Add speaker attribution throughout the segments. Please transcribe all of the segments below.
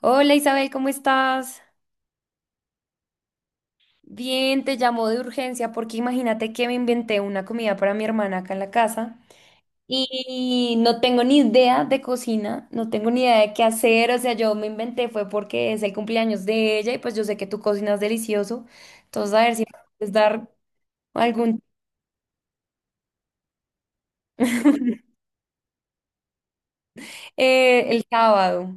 Speaker 1: Hola Isabel, ¿cómo estás? Bien, te llamo de urgencia porque imagínate que me inventé una comida para mi hermana acá en la casa y no tengo ni idea de cocina, no tengo ni idea de qué hacer, o sea, yo me inventé fue porque es el cumpleaños de ella y pues yo sé que tú cocinas delicioso, entonces a ver si me puedes dar algún... El sábado.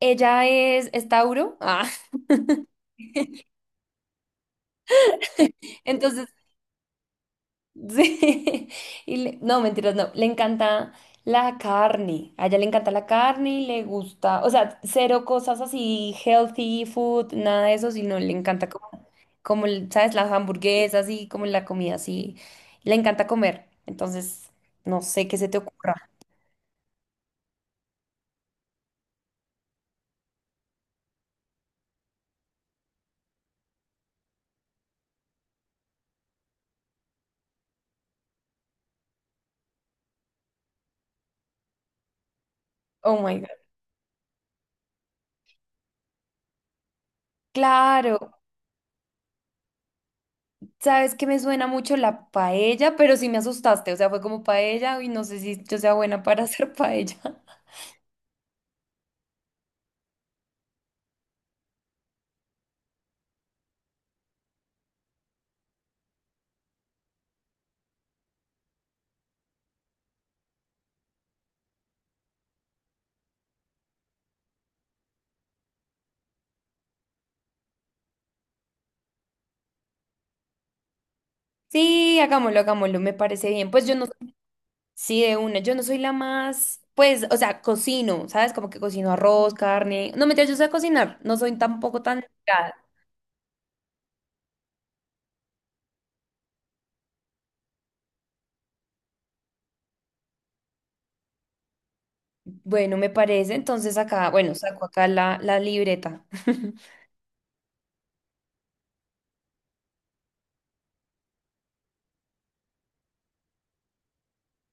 Speaker 1: Ella es Tauro, ah, entonces sí, no, mentiras, no, le encanta la carne, a ella le encanta la carne y le gusta, o sea, cero cosas así, healthy food, nada de eso, sino le encanta como, ¿sabes? Las hamburguesas y como la comida así, le encanta comer, entonces, no sé qué se te ocurra. Oh my God. Claro, sabes que me suena mucho la paella, pero sí me asustaste, o sea, fue como paella y no sé si yo sea buena para hacer paella. Sí, hagámoslo, hagámoslo, me parece bien. Pues yo no. Sí, de una. Yo no soy la más, pues, o sea, cocino, ¿sabes? Como que cocino arroz, carne. No, mentira, yo sé cocinar. No soy tampoco tan delgada. Bueno, me parece. Entonces acá, bueno, saco acá la libreta.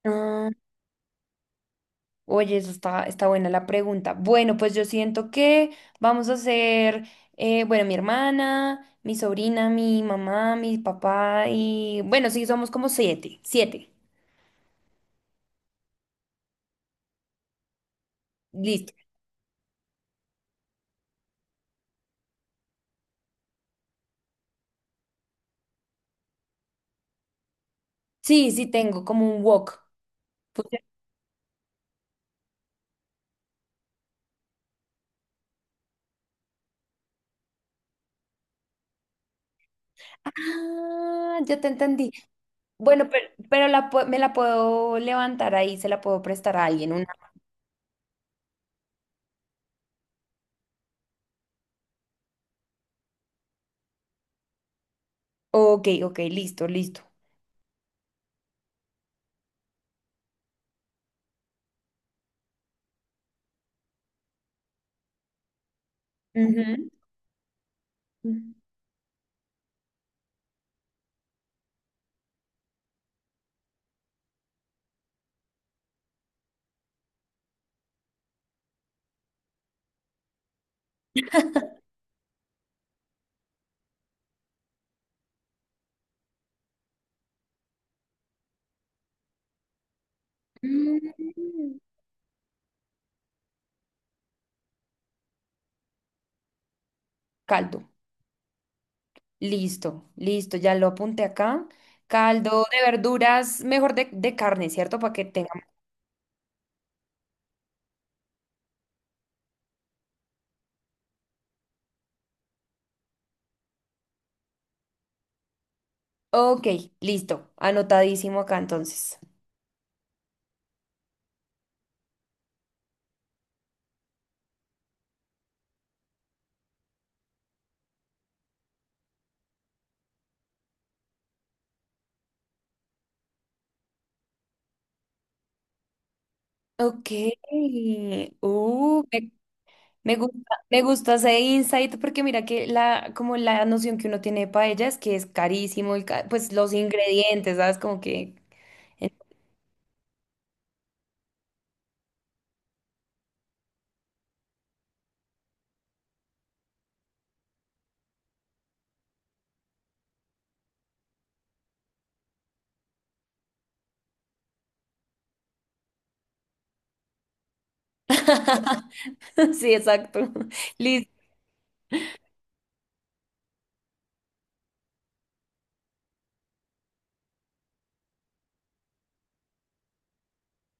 Speaker 1: Ah, oye, eso está, está buena la pregunta. Bueno, pues yo siento que vamos a hacer, bueno, mi hermana, mi sobrina, mi mamá, mi papá y, bueno, sí, somos como siete, siete. Listo. Sí, sí, tengo como un wok. Ah, ya te entendí. Bueno, pero me la puedo levantar ahí, se la puedo prestar a alguien. Una... Ok, ok, listo, listo. Ujú. Mm. Caldo. Listo, listo, ya lo apunté acá. Caldo de verduras, mejor de carne, ¿cierto? Para que tenga. Ok, listo, anotadísimo acá entonces. Ok. Uh, me gusta, me gusta ese insight porque mira que la, como la noción que uno tiene de paella es que es carísimo y ca- pues los ingredientes, ¿sabes? Como que... Sí, exacto. Listo.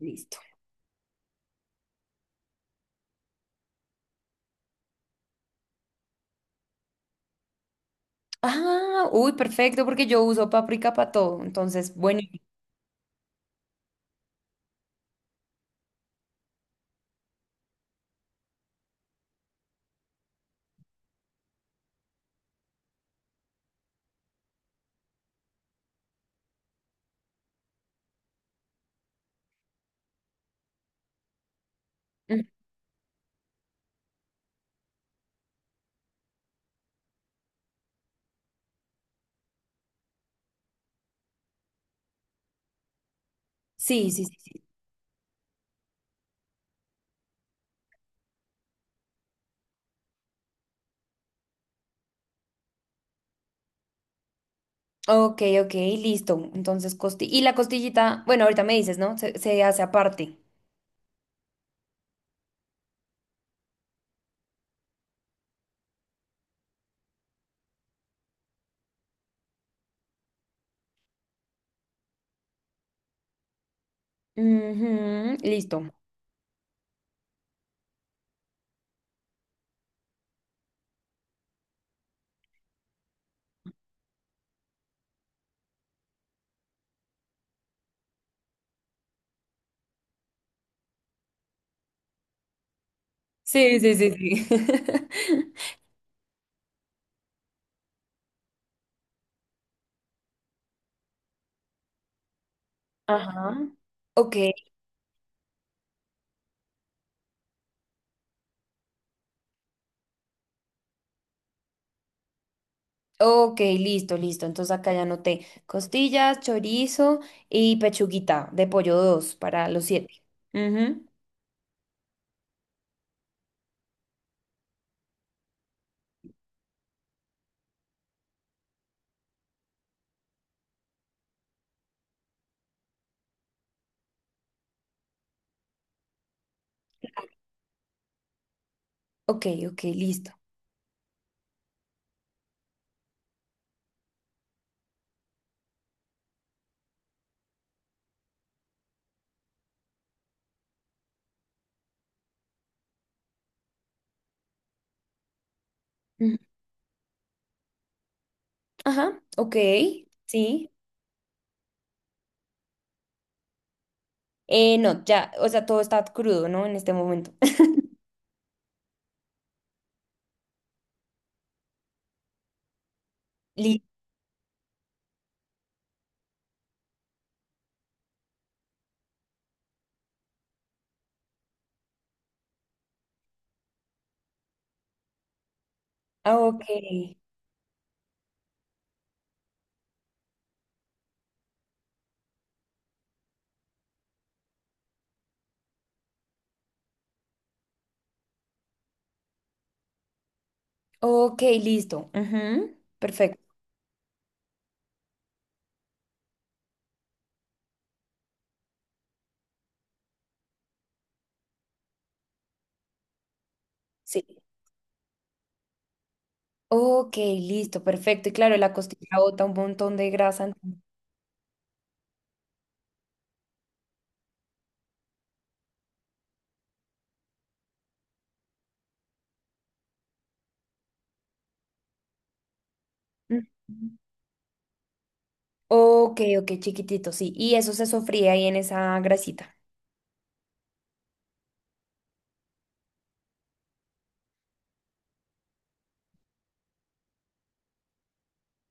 Speaker 1: Listo. Ah, uy, perfecto, porque yo uso paprika para todo, entonces, bueno. Mm, sí, sí, sí, sí. Ok, ok, listo. Entonces, costi y la costillita, bueno, ahorita me dices, ¿no? Se hace aparte. Ujú, listo. Sí, sí, sí, sí. Ajá. Ok. Ok, listo, listo. Entonces acá ya anoté costillas, chorizo y pechuguita de pollo 2 para los siete. Ujú. Ok, ok, listo. Ujú. Ajá, ok, sí. No, ya, o sea, todo está crudo, ¿no? En este momento. Listo. Ok, ok, listo. Ujú, perfecto, sí. Ok, listo, perfecto. Y claro, la costilla bota un montón de grasa. Entonces- Ujú. Ok, ok, chiquitito, sí. Y eso se sofría ahí en esa grasita.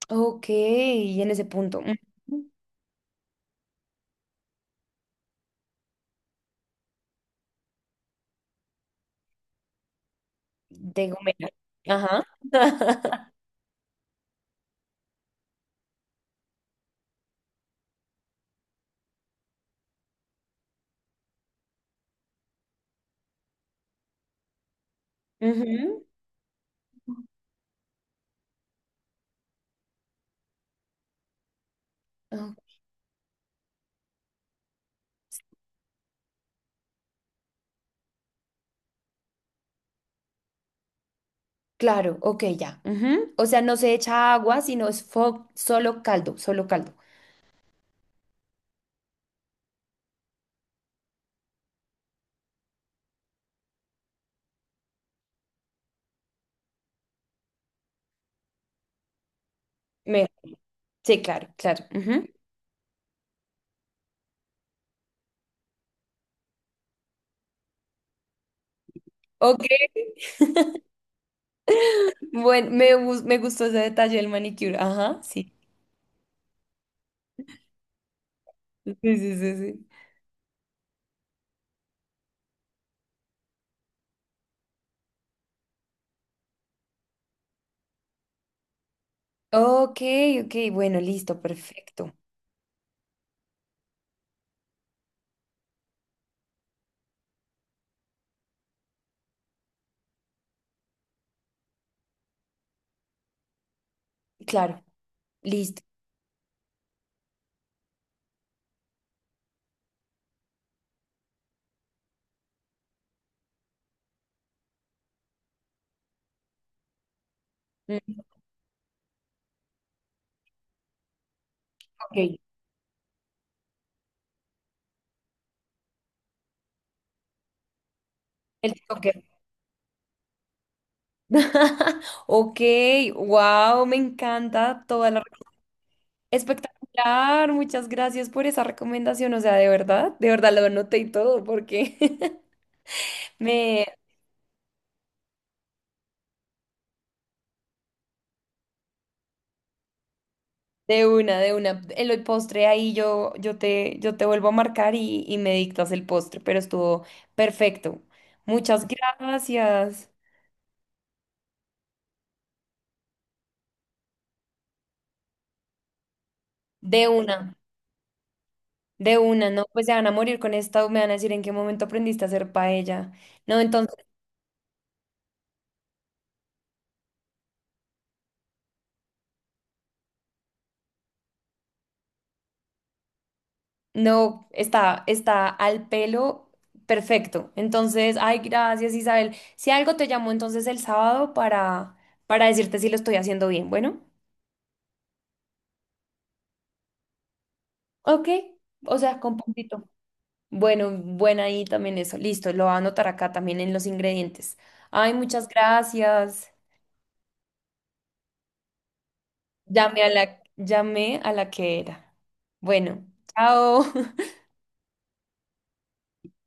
Speaker 1: Ok, y en ese punto. Ujú, de Gomera. Ajá. Ujú. Ah, claro, ok, ya. Ujú. O sea, no se echa agua, sino es fo- solo caldo, solo caldo. Me- Sí, claro, claro. Ujú. Ok. Bueno, me gustó ese detalle del manicure. Ajá, sí. Sí, sí, sí, sí. Ok, ok, bueno, listo, perfecto. Claro, listo. Mm, ok, el toque. Ok, wow, me encanta toda la... rec- Espectacular, muchas gracias por esa recomendación, o sea, de verdad lo anoté y todo, porque me... De una, de una. El postre ahí yo, yo te vuelvo a marcar y me dictas el postre, pero estuvo perfecto. Muchas gracias. De una, de una, no, pues se van a morir con esta, me van a decir en qué momento aprendiste a hacer paella. No, entonces... No, está, está al pelo, perfecto. Entonces, ay, gracias, Isabel. Si algo te llamo entonces el sábado para decirte si lo estoy haciendo bien. Bueno, ok. O sea, con puntito. Bueno, buena ahí también eso. Listo, lo voy a anotar acá también en los ingredientes. Ay, muchas gracias. Llamé a la que era. Bueno, chao.